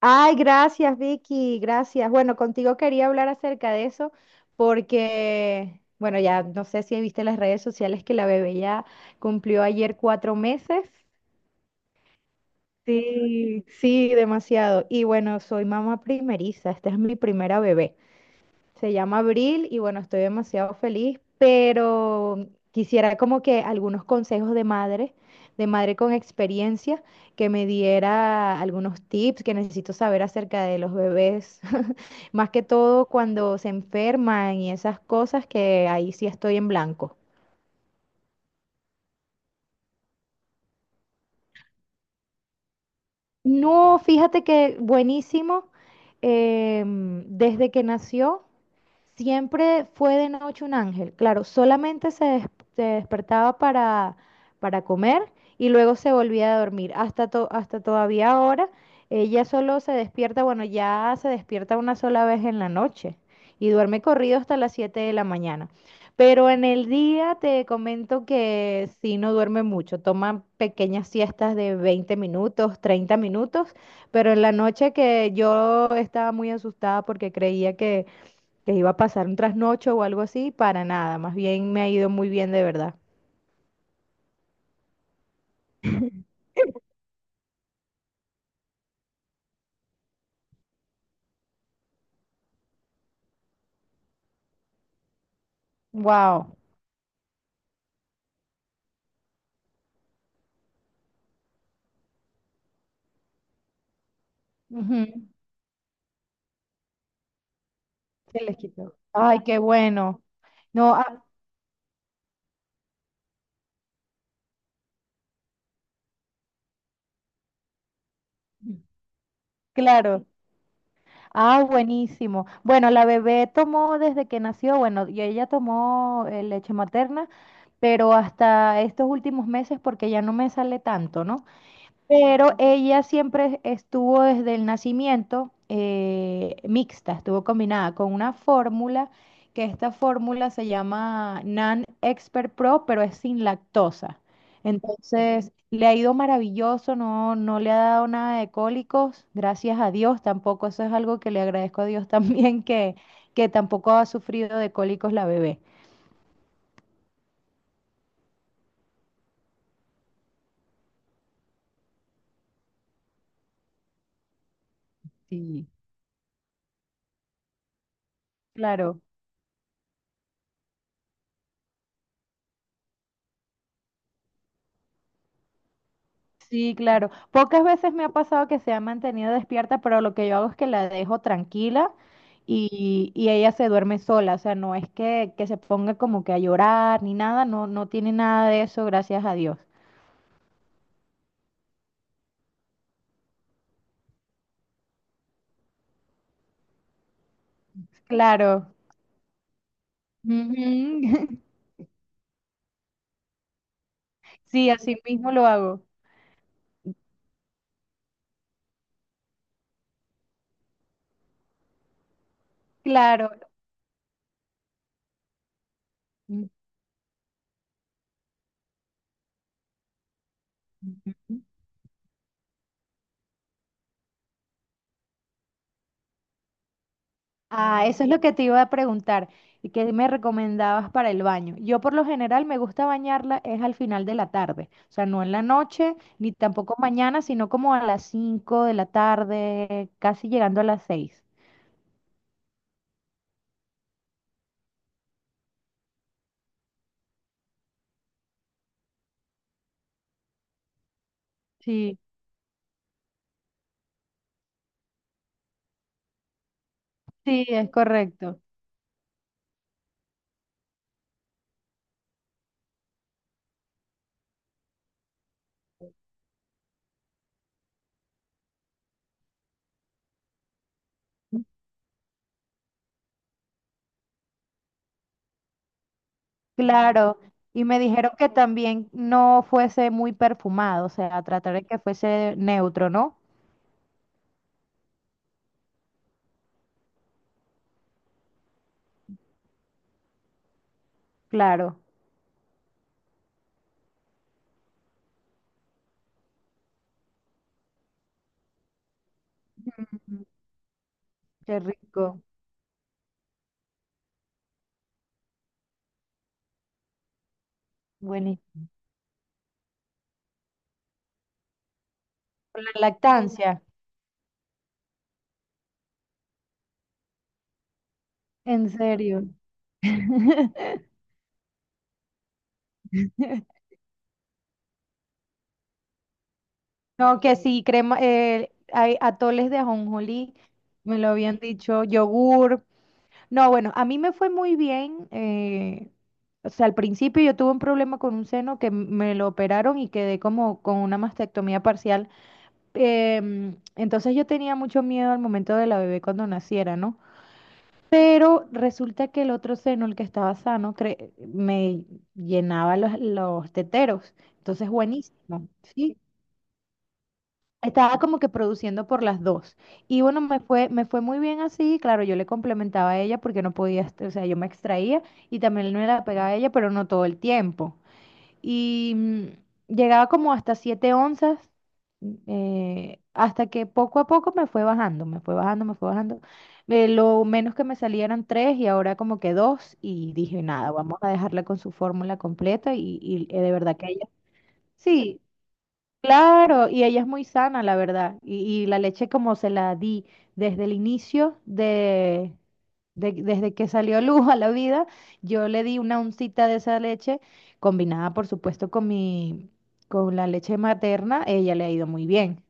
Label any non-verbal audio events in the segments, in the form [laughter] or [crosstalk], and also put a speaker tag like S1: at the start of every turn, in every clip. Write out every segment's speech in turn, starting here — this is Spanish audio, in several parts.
S1: Ay, gracias, Vicky, gracias. Bueno, contigo quería hablar acerca de eso porque, bueno, ya no sé si viste las redes sociales que la bebé ya cumplió ayer 4 meses. Sí, sí, demasiado. Y bueno, soy mamá primeriza, esta es mi primera bebé. Se llama Abril y bueno, estoy demasiado feliz, pero quisiera como que algunos consejos de madre con experiencia, que me diera algunos tips que necesito saber acerca de los bebés, [laughs] más que todo cuando se enferman y esas cosas que ahí sí estoy en blanco. No, fíjate que buenísimo, desde que nació. Siempre fue de noche un ángel. Claro, se despertaba para comer y luego se volvía a dormir. Hasta todavía ahora, ella solo se despierta, bueno, ya se despierta una sola vez en la noche y duerme corrido hasta las 7 de la mañana. Pero en el día te comento que sí no duerme mucho, toma pequeñas siestas de 20 minutos, 30 minutos, pero en la noche que yo estaba muy asustada porque creía que iba a pasar un trasnocho o algo así, para nada, más bien me ha ido muy bien de verdad. Wow. Ujú. Se les quitó. Ay, qué bueno. No, ah, claro. Ah, buenísimo. Bueno, la bebé tomó desde que nació, bueno, y ella tomó leche materna, pero hasta estos últimos meses porque ya no me sale tanto, ¿no? Pero ella siempre estuvo desde el nacimiento mixta, estuvo combinada con una fórmula, que esta fórmula se llama NAN Expert Pro, pero es sin lactosa. Entonces, le ha ido maravilloso, no, no le ha dado nada de cólicos, gracias a Dios tampoco, eso es algo que le agradezco a Dios [laughs] también, que tampoco ha sufrido de cólicos la bebé. Sí. Claro. Sí, claro. Pocas veces me ha pasado que se ha mantenido despierta, pero lo que yo hago es que la dejo tranquila y ella se duerme sola. O sea, no es que se ponga como que a llorar ni nada, no, no tiene nada de eso, gracias a Dios. Claro. Ujú. [laughs] Sí, así mismo lo hago. Claro. Ujú. Ah, eso es lo que te iba a preguntar. ¿Y qué me recomendabas para el baño? Yo por lo general me gusta bañarla es al final de la tarde, o sea, no en la noche ni tampoco mañana, sino como a las 5 de la tarde, casi llegando a las seis. Sí, sí, es correcto. Claro. Y me dijeron que también no fuese muy perfumado, o sea, tratar de que fuese neutro, ¿no? Claro. Ujú. Qué rico. Buenísimo. La lactancia, en serio. [laughs] No, que sí, crema, hay atoles de ajonjolí, me lo habían dicho, yogur. No, bueno, a mí me fue muy bien. O sea, al principio yo tuve un problema con un seno que me lo operaron y quedé como con una mastectomía parcial. Entonces yo tenía mucho miedo al momento de la bebé cuando naciera, ¿no? Pero resulta que el otro seno, el que estaba sano, me llenaba los teteros. Entonces, buenísimo, ¿sí? Estaba como que produciendo por las dos. Y bueno, me fue muy bien así. Claro, yo le complementaba a ella porque no podía, o sea, yo me extraía y también me la pegaba a ella, pero no todo el tiempo. Y llegaba como hasta 7 onzas, hasta que poco a poco me fue bajando, me fue bajando. Lo menos que me salía eran 3 y ahora como que dos. Y dije, nada, vamos a dejarla con su fórmula completa y de verdad que ella... Sí, claro, y ella es muy sana, la verdad. Y la leche como se la di desde el inicio desde que salió luz a la vida, yo le di una uncita de esa leche, combinada por supuesto con la leche materna, ella le ha ido muy bien.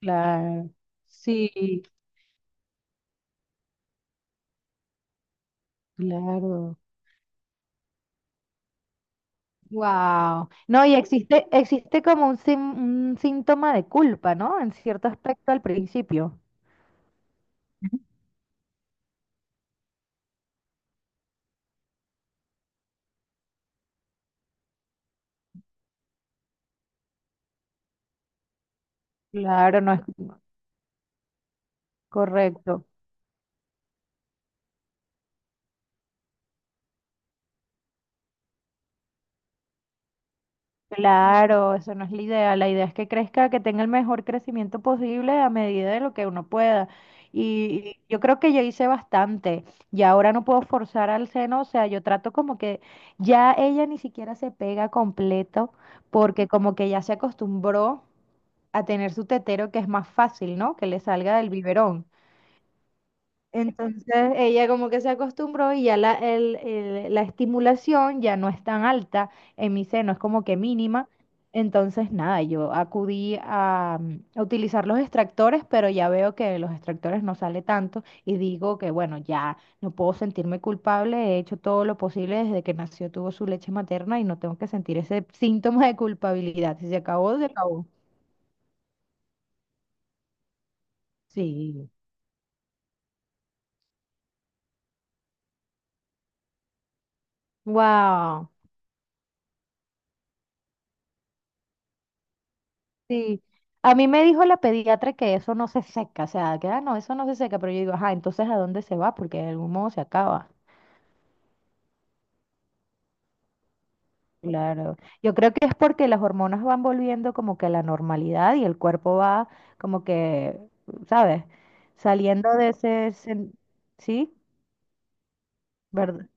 S1: Claro. Sí, claro. Wow. No, y existe como un síntoma de culpa, ¿no? En cierto aspecto al principio. Claro, no es correcto. Claro, eso no es la idea. La idea es que crezca, que tenga el mejor crecimiento posible a medida de lo que uno pueda. Y yo creo que yo hice bastante. Y ahora no puedo forzar al seno. O sea, yo trato como que ya ella ni siquiera se pega completo porque como que ya se acostumbró a tener su tetero que es más fácil, ¿no? Que le salga del biberón. Entonces ella como que se acostumbró y ya la estimulación ya no es tan alta en mi seno, es como que mínima. Entonces nada, yo acudí a, a utilizar los extractores, pero ya veo que los extractores no sale tanto y digo que bueno, ya no puedo sentirme culpable, he hecho todo lo posible desde que nació, tuvo su leche materna y no tengo que sentir ese síntoma de culpabilidad. Si se acabó, se acabó. Sí. Wow. Sí, a mí me dijo la pediatra que eso no se seca, o sea, que ah, no, eso no se seca, pero yo digo, ajá, entonces ¿a dónde se va? Porque de algún modo se acaba. Claro, yo creo que es porque las hormonas van volviendo como que a la normalidad y el cuerpo va como que, ¿sabes? Saliendo de ese, ¿sí? ¿Verdad?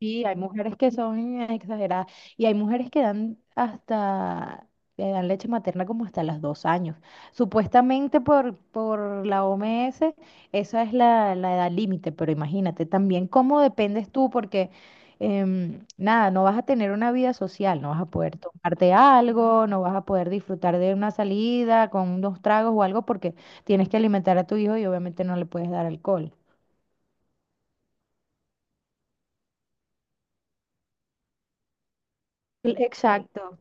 S1: Sí, hay mujeres que son exageradas y hay mujeres que dan que dan leche materna como hasta los 2 años. Supuestamente por la OMS, esa es la edad límite, pero imagínate también cómo dependes tú, porque nada, no vas a tener una vida social, no vas a poder tomarte algo, no vas a poder disfrutar de una salida con unos tragos o algo, porque tienes que alimentar a tu hijo y obviamente no le puedes dar alcohol. Sí. Exacto,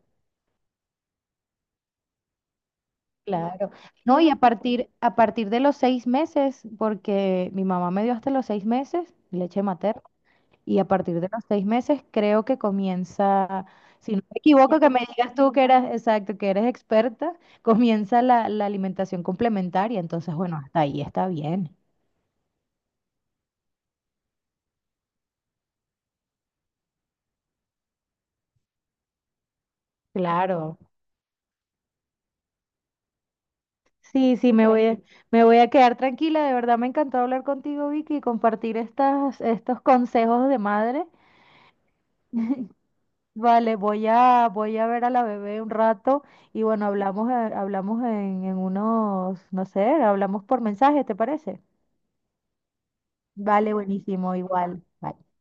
S1: claro. No, y a partir de los 6 meses, porque mi mamá me dio hasta los 6 meses leche materna, y a partir de los 6 meses creo que comienza, si no me equivoco, que me digas tú que eras, exacto, que eres experta, comienza la alimentación complementaria. Entonces, bueno, hasta ahí está bien. Claro. Sí, sí, me voy a quedar tranquila. De verdad me encantó hablar contigo, Vicky, y compartir estos consejos de madre. Vale, voy a ver a la bebé un rato y bueno, en unos, no sé, hablamos por mensaje, ¿te parece? Vale, buenísimo, igual. Bye.